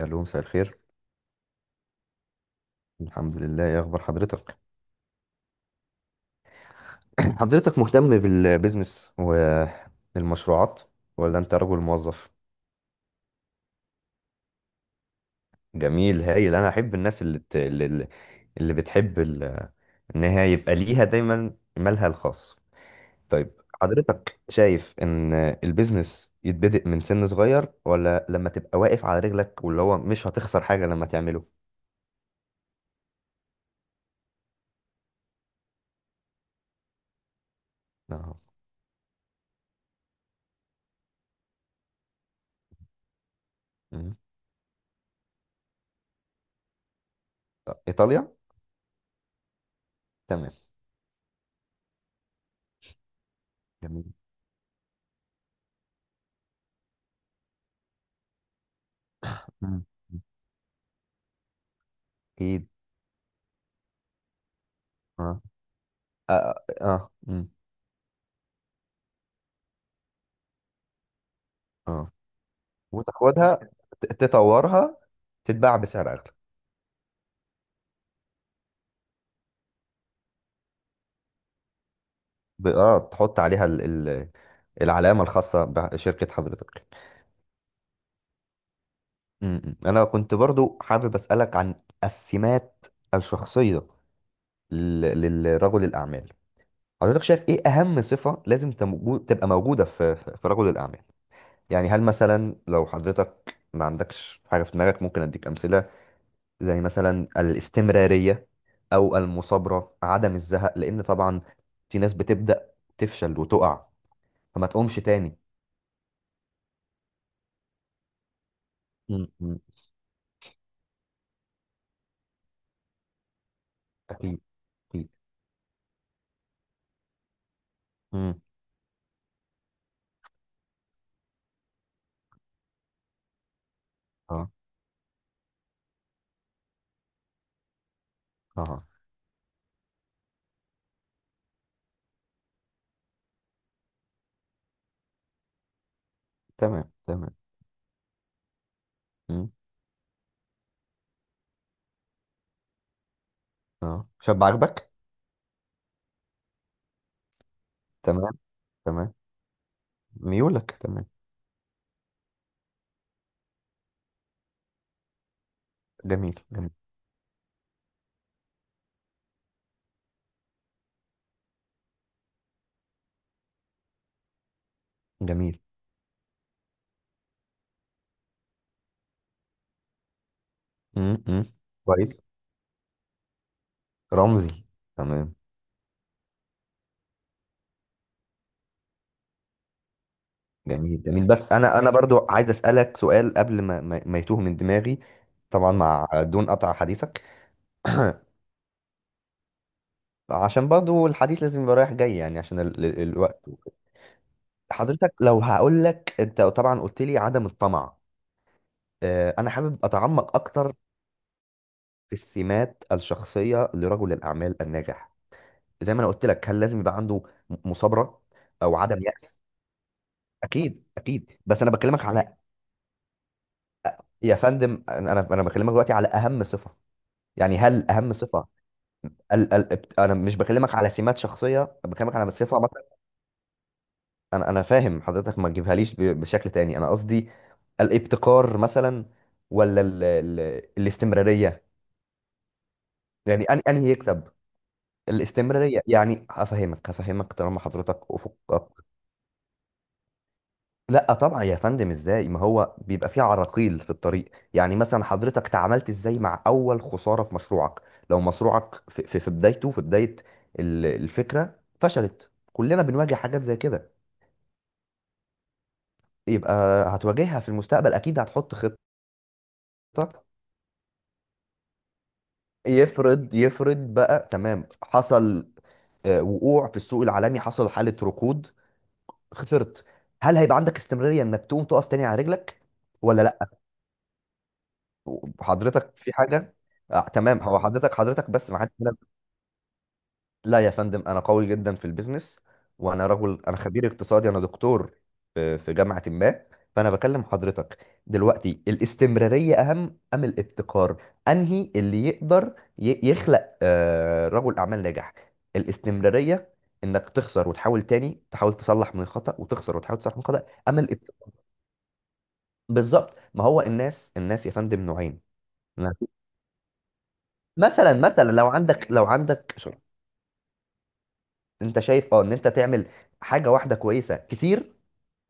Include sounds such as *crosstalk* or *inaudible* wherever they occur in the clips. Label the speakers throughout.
Speaker 1: الو، مساء الخير. الحمد لله، يا اخبار حضرتك؟ *clears throat* حضرتك مهتم بالبيزنس والمشروعات، ولا انت رجل موظف؟ جميل، هايل. انا احب الناس اللي بتحب ان هي يبقى ليها دايما مالها الخاص. طيب. حضرتك شايف ان البيزنس يتبدأ من سن صغير، ولا لما تبقى واقف على رجلك واللي هو مش هتخسر حاجة لما تعمله؟ اه. مم. ايطاليا. تمام. جميل. مم. اكيد. اه، اه، اه. مم. اه. وتاخدها، ت- تطورها، تتباع بسعر اغلى. تحط عليها ال... العلامة الخاصة بشركة حضرتك. م-م. أنا كنت برضو حابب أسألك عن السمات الشخصية للرجل الأعمال. حضرتك شايف إيه أهم صفة لازم تبقى موجودة في رجل الأعمال؟ يعني هل مثلا لو حضرتك ما عندكش حاجة في دماغك، ممكن أديك أمثلة. زي مثلا الاستمرارية، أو المثابرة، عدم الزهق، لأن طبعا في ناس بتبدأ تفشل وتقع فما تقومش تاني. مم، مم. أكيد، أكيد. مم. أه، أه، تمام، تمام. مم. أه، شاب عاجبك؟ تمام، تمام. ميولك. تمام. جميل، جميل، جميل. مم. مم. كويس. رمزي. تمام. جميل، جميل. بس أنا برضو عايز أسألك سؤال قبل ما يتوه من دماغي. طبعا، مع دون قطع حديثك. *clears throat* عشان برضو الحديث لازم يبقى رايح جاي، يعني عشان الوقت وكده. حضرتك لو هقول لك، انت طبعا قلت لي عدم الطمع. انا حابب اتعمق اكتر في السمات الشخصيه لرجل الاعمال الناجح، زي ما انا قلت لك، هل لازم يبقى عنده؟ مثابره، او عدم يأس. اكيد، اكيد، بس انا بكلمك على... يا فندم، انا انا أنا بكلمك دلوقتي على اهم صفه. يعني هل اهم صفه؟ انا مش بكلمك على سمات شخصيه، بكلمك على صفه. انا فاهم حضرتك، ما تجيبهاليش بشكل تاني. انا قصدي الابتكار مثلا، ولا ال الاستمراريه، يعني أن انهي يكسب. الاستمراريه، يعني هفهمك طالما حضرتك افقك. لا طبعا يا فندم، ازاي؟ ما هو بيبقى فيه عراقيل في الطريق. يعني مثلا حضرتك تعاملت ازاي مع اول خساره في مشروعك؟ لو مشروعك في بدايته، في بدايه الفكره فشلت، كلنا بنواجه حاجات زي كده. يبقى هتواجهها في المستقبل اكيد. هتحط خطه. يفرض بقى، تمام، حصل وقوع في السوق العالمي، حصل حالة ركود، خسرت. هل هيبقى عندك استمرارية انك تقوم تقف تاني على رجلك، ولا لا؟ حضرتك في حاجة تمام. هو حضرتك بس ما حدش... لا يا فندم، انا قوي جدا في البيزنس. وانا رجل، انا خبير اقتصادي، انا دكتور في جامعه ما. فانا بكلم حضرتك دلوقتي، الاستمراريه اهم ام الابتكار؟ انهي اللي يقدر يخلق رجل اعمال ناجح؟ الاستمراريه، انك تخسر وتحاول تاني، تحاول تصلح من الخطا، وتخسر وتحاول تصلح من الخطا. اما الابتكار... بالظبط. ما هو الناس يا فندم نوعين. مثلا لو عندك شغل، انت شايف ان انت تعمل حاجه واحده كويسه كتير،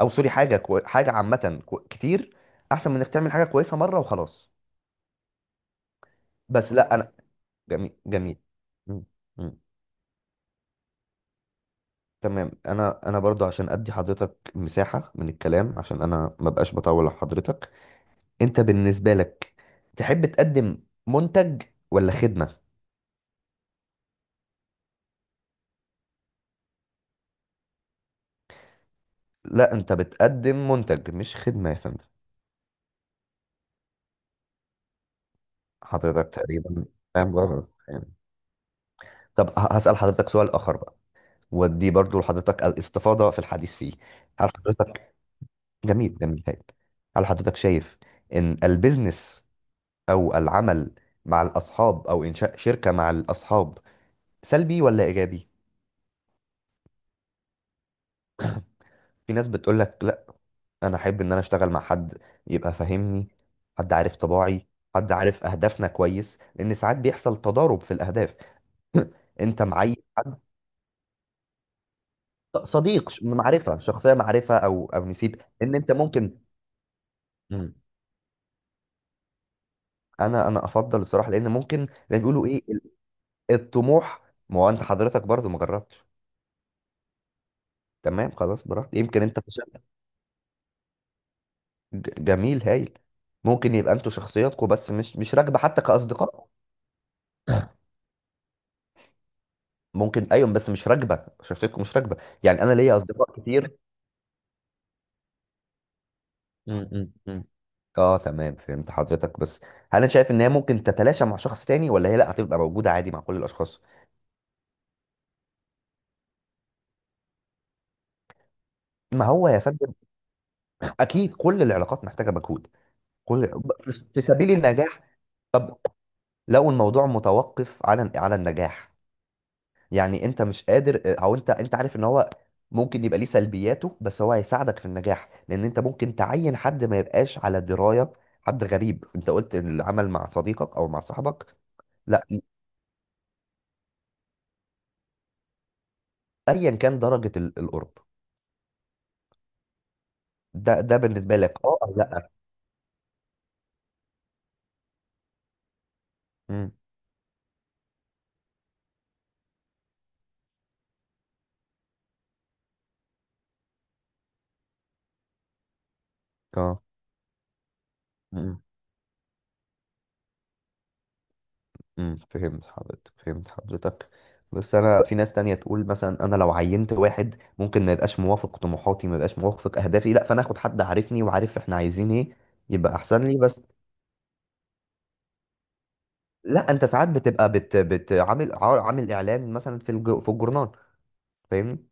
Speaker 1: او سوري، حاجه عامه كتير، احسن من انك تعمل حاجه كويسه مره وخلاص. بس لا انا. جميل، جميل. مم. مم. تمام. انا برضو عشان ادي حضرتك مساحه من الكلام، عشان انا ما بقاش بطول على حضرتك. انت بالنسبه لك تحب تقدم منتج ولا خدمه؟ لا، انت بتقدم منتج مش خدمه يا فندم. حضرتك تقريبا فاهم غلط يعني. طب هسأل حضرتك سؤال آخر بقى، ودي برضو لحضرتك الاستفاضة في الحديث فيه. هل حضرتك جميل، جميل، هايل. هل حضرتك شايف ان البيزنس او العمل مع الاصحاب، او انشاء شركة مع الاصحاب، سلبي ولا ايجابي؟ في ناس بتقول لك لا، انا احب ان انا اشتغل مع حد يبقى فاهمني، حد عارف طباعي، حد عارف اهدافنا كويس، لان ساعات بيحصل تضارب في الاهداف. *clears throat* انت معي حد، صديق، معرفة شخصية، معرفة او نسيب، ان انت ممكن... مم. انا افضل الصراحة، لان ممكن، زي ما بيقولوا، ايه؟ الطموح. ما هو انت حضرتك برضه ما جربتش. تمام، خلاص، براحتك. يمكن انت في شركة جميل، هايل. ممكن يبقى انتوا شخصياتكم بس مش راكبه حتى كاصدقاء. ممكن، ايوه، بس مش راكبه، شخصيتكم مش راكبه. يعني انا ليا اصدقاء كتير. م- م- م. اه، تمام، فهمت حضرتك. بس هل انا شايف ان هي ممكن تتلاشى مع شخص تاني، ولا هي لا هتبقى موجوده عادي مع كل الاشخاص؟ ما هو يا فندم، اكيد كل العلاقات محتاجه مجهود. كل في سبيل النجاح. طب لو الموضوع متوقف على النجاح، يعني انت مش قادر او انت عارف ان هو ممكن يبقى ليه سلبياته بس هو هيساعدك في النجاح، لان انت ممكن تعين حد ما يبقاش على درايه، حد غريب. انت قلت إن العمل مع صديقك او مع صاحبك... لا، ايا كان درجه القرب. ده بالنسبه لك اه او لا؟ امم اه امم فهمت حضرتك. بس انا في ناس تانية تقول مثلا، انا لو عينت واحد ممكن ما يبقاش موافق طموحاتي، ما يبقاش موافق اهدافي، لا. فانا اخد حد عارفني وعارف احنا عايزين ايه، يبقى احسن لي. بس... لا انت ساعات بتبقى بت بت عامل اعلان مثلا في الجورنال، فاهمني؟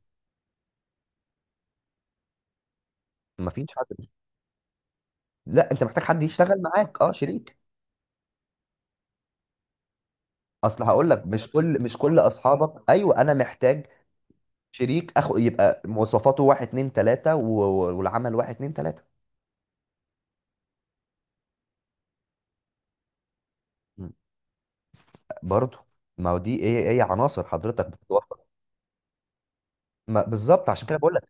Speaker 1: مفيش حد. لا، انت محتاج حد يشتغل معاك، اه، شريك. اصل هقول لك مش كل اصحابك. ايوه، انا محتاج شريك اخو يبقى مواصفاته واحد، اتنين، تلاته، والعمل واحد، اتنين، تلاته. م. برضه. ما هو دي ايه ايه عناصر حضرتك بتتوفر. ما بالظبط عشان كده بقول لك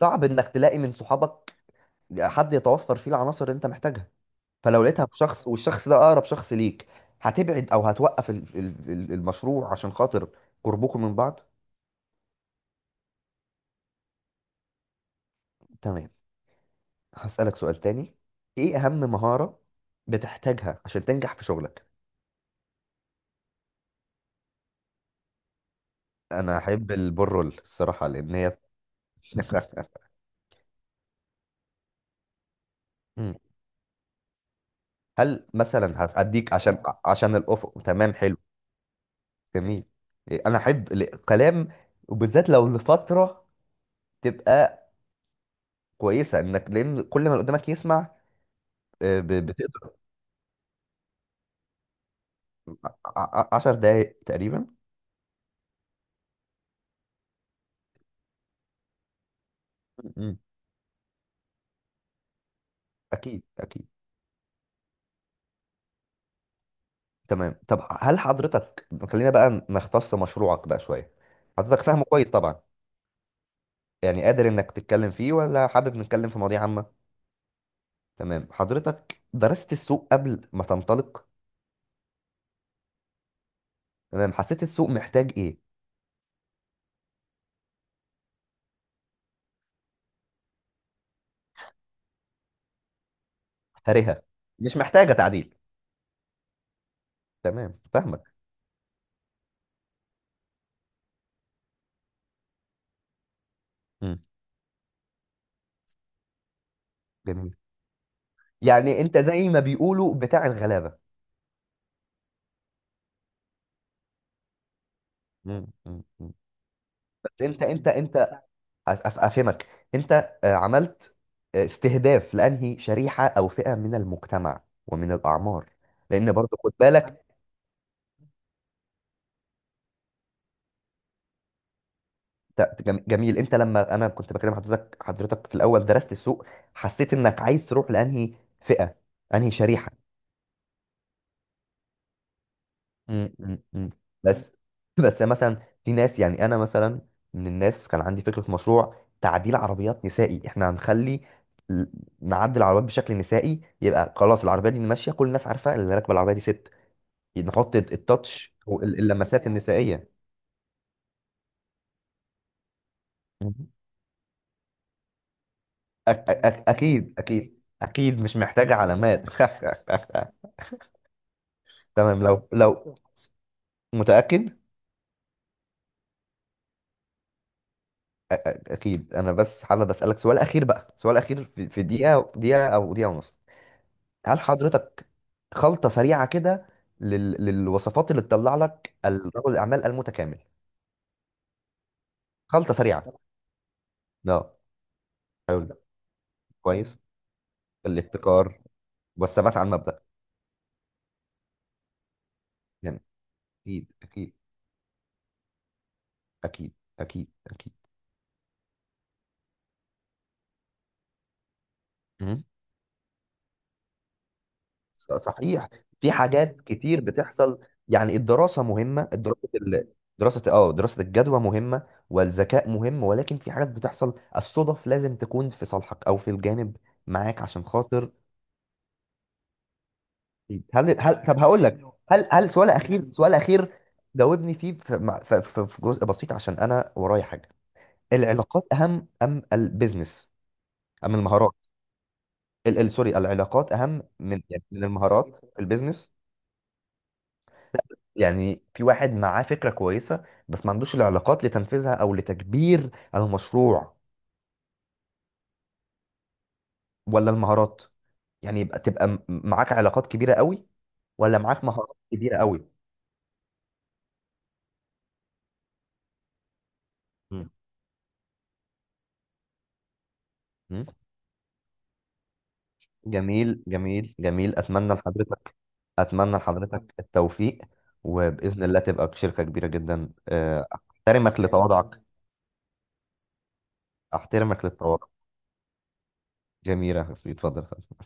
Speaker 1: صعب انك تلاقي من صحابك حد يتوفر فيه العناصر اللي انت محتاجها. فلو لقيتها في شخص والشخص ده اقرب شخص ليك، هتبعد او هتوقف المشروع عشان خاطر قربكم من بعض؟ تمام. هسألك سؤال تاني، ايه اهم مهارة بتحتاجها عشان تنجح في شغلك؟ انا احب البرول الصراحة، لان هي... *laughs* مم. هل مثلا هديك عشان الافق. تمام، حلو، جميل. إيه، انا احب الكلام وبالذات لو لفترة تبقى كويسة، انك لان كل ما اللي قدامك يسمع... بتقدر 10 دقايق تقريبا. مم. اكيد، اكيد. تمام. طب هل حضرتك خلينا بقى نختص مشروعك بقى شويه. حضرتك فاهمه كويس طبعا، يعني قادر انك تتكلم فيه، ولا حابب نتكلم في مواضيع عامه؟ تمام. حضرتك درست السوق قبل ما تنطلق؟ تمام. حسيت السوق محتاج ايه؟ هرهة. مش محتاجه تعديل. تمام، فاهمك. مم. جميل. يعني انت زي ما بيقولوا، بتاع الغلابه. مم. مم. مم. بس انت افهمك. انت عملت استهداف لانهي شريحه او فئه من المجتمع، ومن الاعمار. لان برضه خد بالك. جميل، انت لما انا كنت بكلم حضرتك في الاول درست السوق، حسيت انك عايز تروح لانهي فئه، انهي شريحه. م- م- م. بس *laughs* بس مثلا في ناس، يعني انا مثلا من الناس كان عندي فكره مشروع تعديل عربيات نسائي. احنا هنخلي ال- نعدل العربيات بشكل نسائي، يبقى خلاص العربيه دي ماشيه، كل الناس عارفه اللي راكبه العربيه دي ست، نحط التاتش واللمسات النسائية. مم. أك أك أكيد، أكيد، أكيد، مش محتاجة علامات. *laughs* تمام. لو متأكد أ- أكيد، أنا بس حابب أسألك سؤال أخير بقى، سؤال أخير في دقيقة، دقيقة أو دقيقة ونص. هل حضرتك خلطة سريعة كده للوصفات اللي تطلع لك رجل الأعمال المتكامل؟ خلطة سريعة. لا. حلو، كويس. الابتكار والثبات على المبدأ. جامد، أكيد، أكيد، أكيد، أكيد، أكيد. مم. صحيح. في حاجات كتير بتحصل، يعني الدراسة مهمة، دراسة الجدوى مهمة، والذكاء مهم، ولكن في حاجات بتحصل، الصدف لازم تكون في صالحك او في الجانب معاك، عشان خاطر... هل هل طب هقول لك، هل هل سؤال اخير، سؤال اخير. جاوبني فيه في جزء بسيط، عشان انا ورايا حاجة. العلاقات اهم ام البيزنس، ام المهارات؟ سوري، العلاقات اهم من، يعني من المهارات في البيزنس. يعني في واحد معاه فكرة كويسة بس ما عندوش العلاقات لتنفيذها أو لتكبير المشروع، ولا المهارات؟ يعني يبقى تبقى معاك علاقات كبيرة قوي، ولا معاك مهارات كبيرة قوي؟ مم. مم. جميل، جميل، جميل. أتمنى لحضرتك التوفيق، وبإذن الله تبقى شركة كبيرة جدا. أحترمك لتواضعك، أحترمك للتواضع. جميلة، اتفضل.